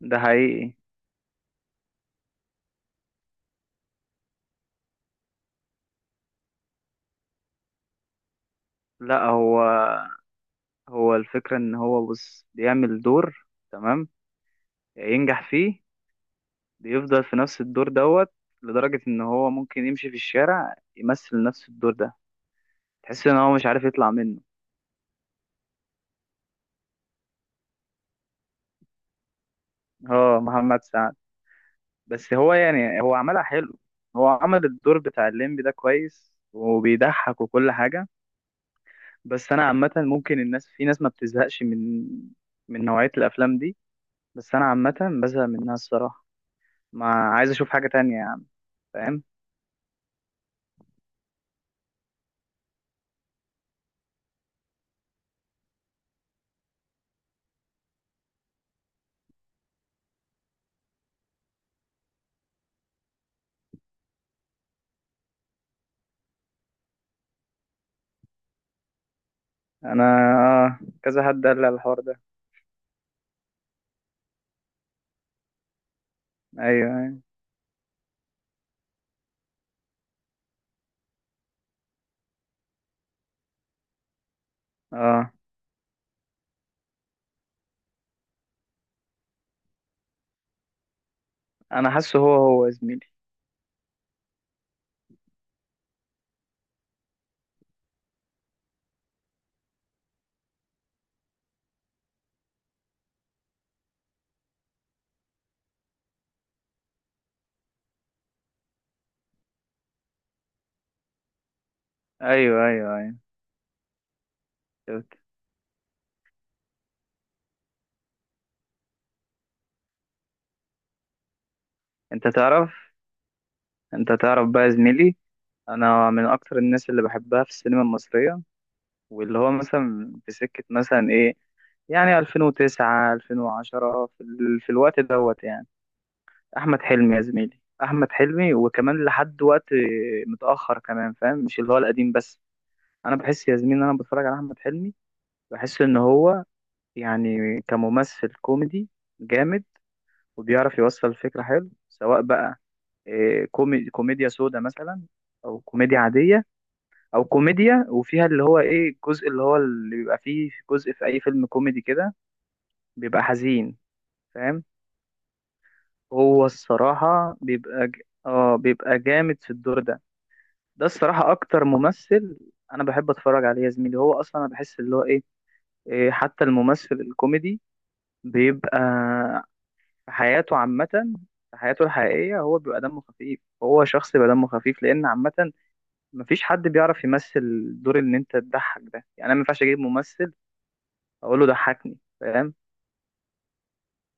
ده حقيقي. لا هو، الفكرة ان هو بص بيعمل دور، تمام، ينجح فيه. بيفضل في نفس الدور دوت لدرجة ان هو ممكن يمشي في الشارع يمثل نفس الدور ده. تحس ان هو مش عارف يطلع منه. اه محمد سعد، بس هو يعني هو عملها حلو. هو عمل الدور بتاع الليمبي ده كويس وبيضحك وكل حاجة. بس انا عامة، ممكن الناس، في ناس ما بتزهقش من نوعية الافلام دي. بس انا عامة بزهق منها الصراحة. ما عايز اشوف حاجة تانية يا عم، فاهم؟ انا اه كذا حد قال لي على الحوار ده. ايوه ايوه. اه انا حاسه هو هو يا زميلي. ايوه ايوه ايوه شفت. انت تعرف، انت تعرف بقى يا زميلي، انا من اكتر الناس اللي بحبها في السينما المصرية، واللي هو مثلا في سكة مثلا ايه، يعني 2009 2010، في الوقت دوت يعني، احمد حلمي يا زميلي، احمد حلمي، وكمان لحد وقت متأخر كمان، فاهم؟ مش اللي هو القديم بس. انا بحس يا زميلي ان انا بتفرج على احمد حلمي، بحس ان هو يعني كممثل كوميدي جامد، وبيعرف يوصل الفكرة حلو، سواء بقى إيه، كوميديا سودا مثلا، او كوميديا عادية، او كوميديا وفيها اللي هو ايه الجزء اللي هو اللي بيبقى فيه جزء في اي فيلم كوميدي كده بيبقى حزين، فاهم؟ هو الصراحة اه بيبقى جامد في الدور ده. ده الصراحة اكتر ممثل انا بحب اتفرج عليه يا زميلي. هو اصلا انا بحس اللي هو ايه إيه، حتى الممثل الكوميدي بيبقى في حياته عامة، في حياته الحقيقية، هو بيبقى دمه خفيف، هو شخص بيبقى دمه خفيف، لأن عامة مفيش حد بيعرف يمثل الدور اللي أنت تضحك ده. يعني أنا مينفعش أجيب ممثل أقول له ضحكني، فاهم؟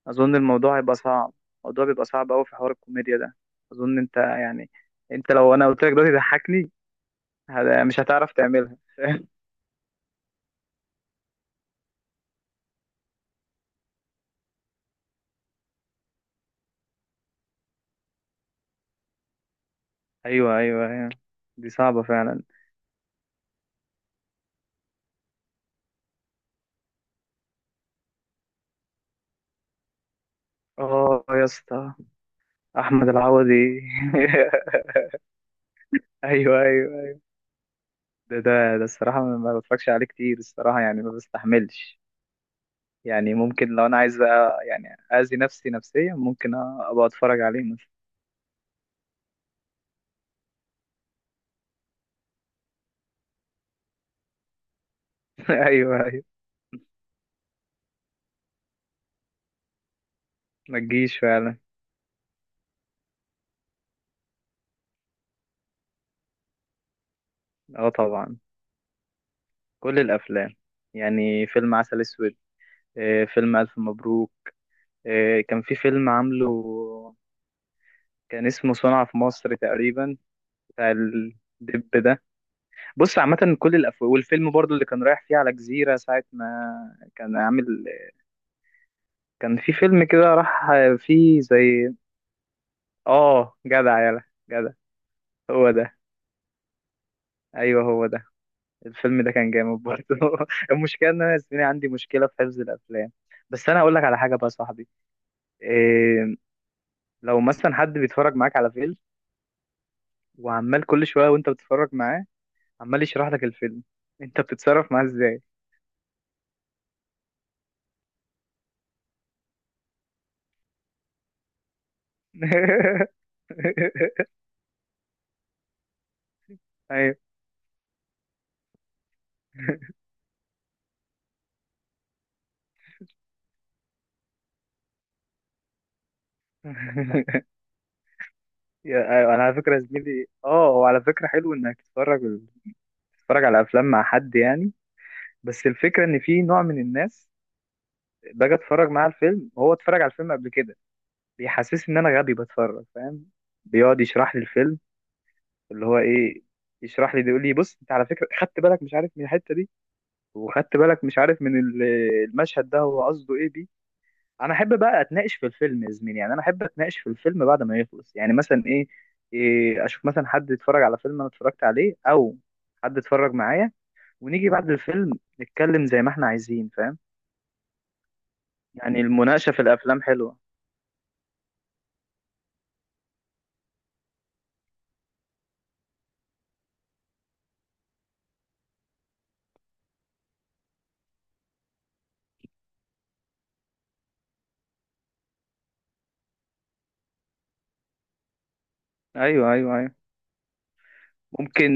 أظن الموضوع هيبقى صعب. الموضوع بيبقى صعب أوي في حوار الكوميديا ده. أظن أنت يعني، أنت لو أنا قلت لك دلوقتي ضحكني، مش هتعرف تعملها، فاهم؟ أيوه أيوه أيوه، دي صعبة فعلا. آه يا اسطى. أحمد العوضي. أيوه أيوه. ده الصراحة ما بتفرجش عليه كتير الصراحة، يعني ما بستحملش. يعني ممكن لو أنا عايز بقى، يعني أذي نفسي نفسيا، أبقى أتفرج عليه مثلا. أيوه أيوه. ما تجيش فعلا. أه طبعا، كل الأفلام، يعني فيلم عسل أسود، آه، فيلم ألف مبروك، آه، كان في فيلم عامله، كان اسمه صنع في مصر تقريبا، بتاع الدب ده. بص عامة كل الأف، والفيلم برضو اللي كان رايح فيه على جزيرة ساعة ما كان عامل، كان في فيلم كده راح فيه زي، اه جدع يلا، جدع. هو ده، ايوه هو ده. الفيلم ده كان جامد برضه. المشكله ان انا يا زميلي عندي مشكله في حفظ الافلام. بس انا اقول لك على حاجه بقى يا صاحبي، إيه، لو مثلا حد بيتفرج معاك على فيلم، وعمال كل شويه وانت بتتفرج معاه عمال يشرح لك الفيلم، انت بتتصرف معاه ازاي؟ ايوه. ايوه انا على فكره يا زميلي، اه هو على فكره حلو انك تتفرج، تتفرج على افلام مع حد يعني. بس الفكره ان في نوع من الناس، باجي اتفرج معاه الفيلم وهو اتفرج على الفيلم قبل كده، بيحسسني ان انا غبي بتفرج، فاهم؟ بيقعد يشرح لي الفيلم اللي هو ايه، يشرح لي يقول لي بص انت على فكره خدت بالك مش عارف من الحته دي، وخدت بالك مش عارف المشهد ده هو قصده ايه بيه. انا احب بقى اتناقش في الفيلم يا زميلي، يعني انا احب اتناقش في الفيلم بعد ما يخلص، يعني مثلا ايه، إيه اشوف مثلا حد اتفرج على فيلم انا اتفرجت عليه، او حد اتفرج معايا، ونيجي بعد الفيلم نتكلم زي ما احنا عايزين، فاهم؟ يعني المناقشة في الأفلام حلوة. أيوه أيوه أيوه. ممكن،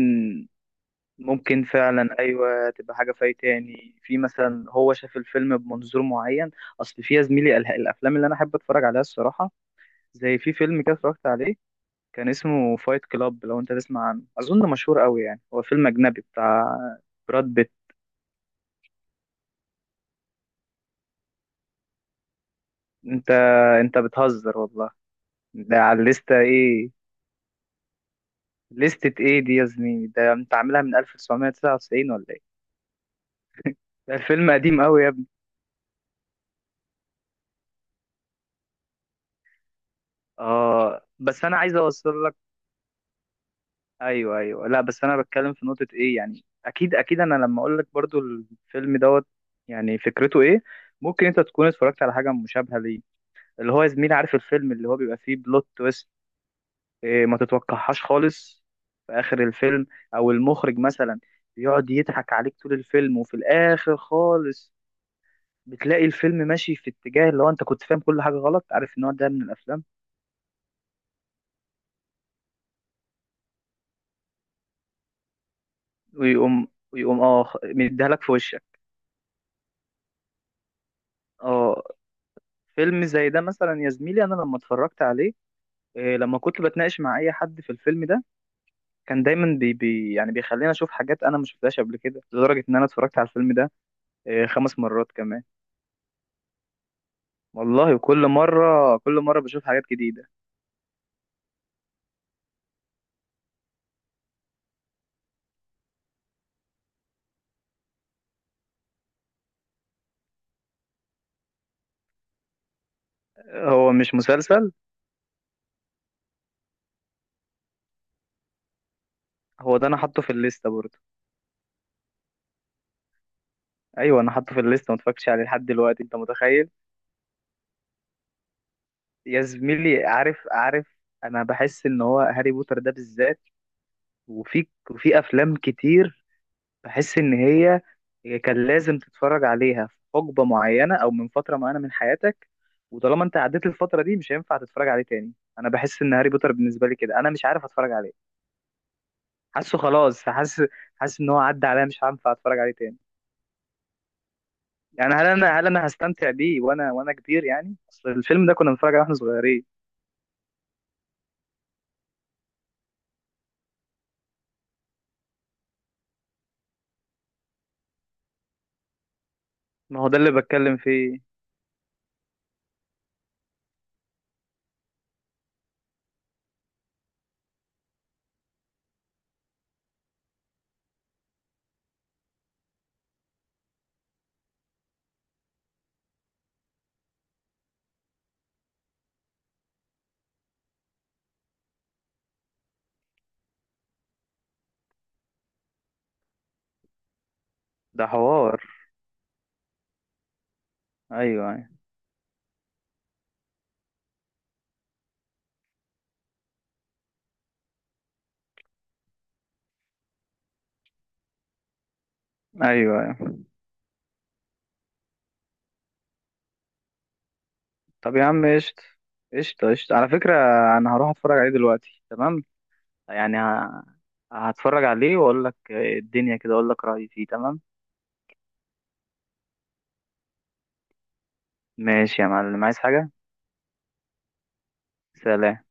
ممكن فعلا، أيوه تبقى حاجة فايت تاني، في مثلا هو شاف الفيلم بمنظور معين. أصل في يا زميلي الأفلام اللي أنا أحب أتفرج عليها الصراحة، زي في فيلم كده اتفرجت عليه، كان اسمه فايت كلاب، لو أنت تسمع عنه أظن مشهور أوي، يعني هو فيلم أجنبي بتاع براد بيت. أنت أنت بتهزر والله؟ ده على الليستة إيه؟ ليستة إيه دي يا زميلي؟ ده أنت عاملها من 1999 ولا إيه؟ ده الفيلم قديم أوي. اه بس انا عايز اوصل لك. ايوه ايوه، لا بس انا بتكلم في نقطة ايه، يعني اكيد انا لما اقول لك برضو الفيلم دوت، يعني فكرته ايه، ممكن انت تكون اتفرجت على حاجة مشابهة ليه. اللي هو يا زميلي عارف الفيلم اللي هو بيبقى فيه بلوت تويست، إيه ما تتوقعهاش خالص في اخر الفيلم، او المخرج مثلا بيقعد يضحك عليك طول الفيلم وفي الاخر خالص بتلاقي الفيلم ماشي في اتجاه اللي هو انت كنت فاهم كل حاجة غلط، عارف النوع ده من الافلام. ويقوم اه مديها لك في وشك. اه. فيلم زي ده مثلا يا زميلي انا لما اتفرجت عليه إيه، لما كنت بتناقش مع اي حد في الفيلم ده كان دايما بي بي يعني بيخليني اشوف حاجات انا ما شفتهاش قبل كده، لدرجه ان انا اتفرجت على الفيلم ده إيه، خمس مرات كمان. والله وكل مره بشوف حاجات جديده. هو مش مسلسل؟ هو ده انا حاطه في الليسته برضه. ايوه انا حاطه في الليسته، ما اتفرجتش عليه لحد دلوقتي، انت متخيل؟ يا زميلي عارف عارف، انا بحس ان هو هاري بوتر ده بالذات وفي افلام كتير، بحس ان هي، هي كان لازم تتفرج عليها في حقبة معينة او من فترة معينة من حياتك، وطالما انت عديت الفترة دي مش هينفع تتفرج عليه تاني. انا بحس ان هاري بوتر بالنسبة لي كده انا مش عارف اتفرج عليه. حاسه خلاص، حاسس، حاسس ان هو عدى عليا مش هينفع اتفرج عليه تاني. يعني هل انا هستمتع بيه وانا كبير، يعني اصل الفيلم ده كنا بنتفرج عليه واحنا صغيرين. ما هو ده اللي بتكلم فيه. ده حوار. ايوه ايوه ايوه. طب يا عم قشطة. قشطة على فكرة، انا هروح اتفرج عليه دلوقتي، تمام. يعني هتفرج عليه واقول لك الدنيا كده، اقول لك رأيي فيه، تمام. ماشي يا معلم، عايز حاجة؟ سلام.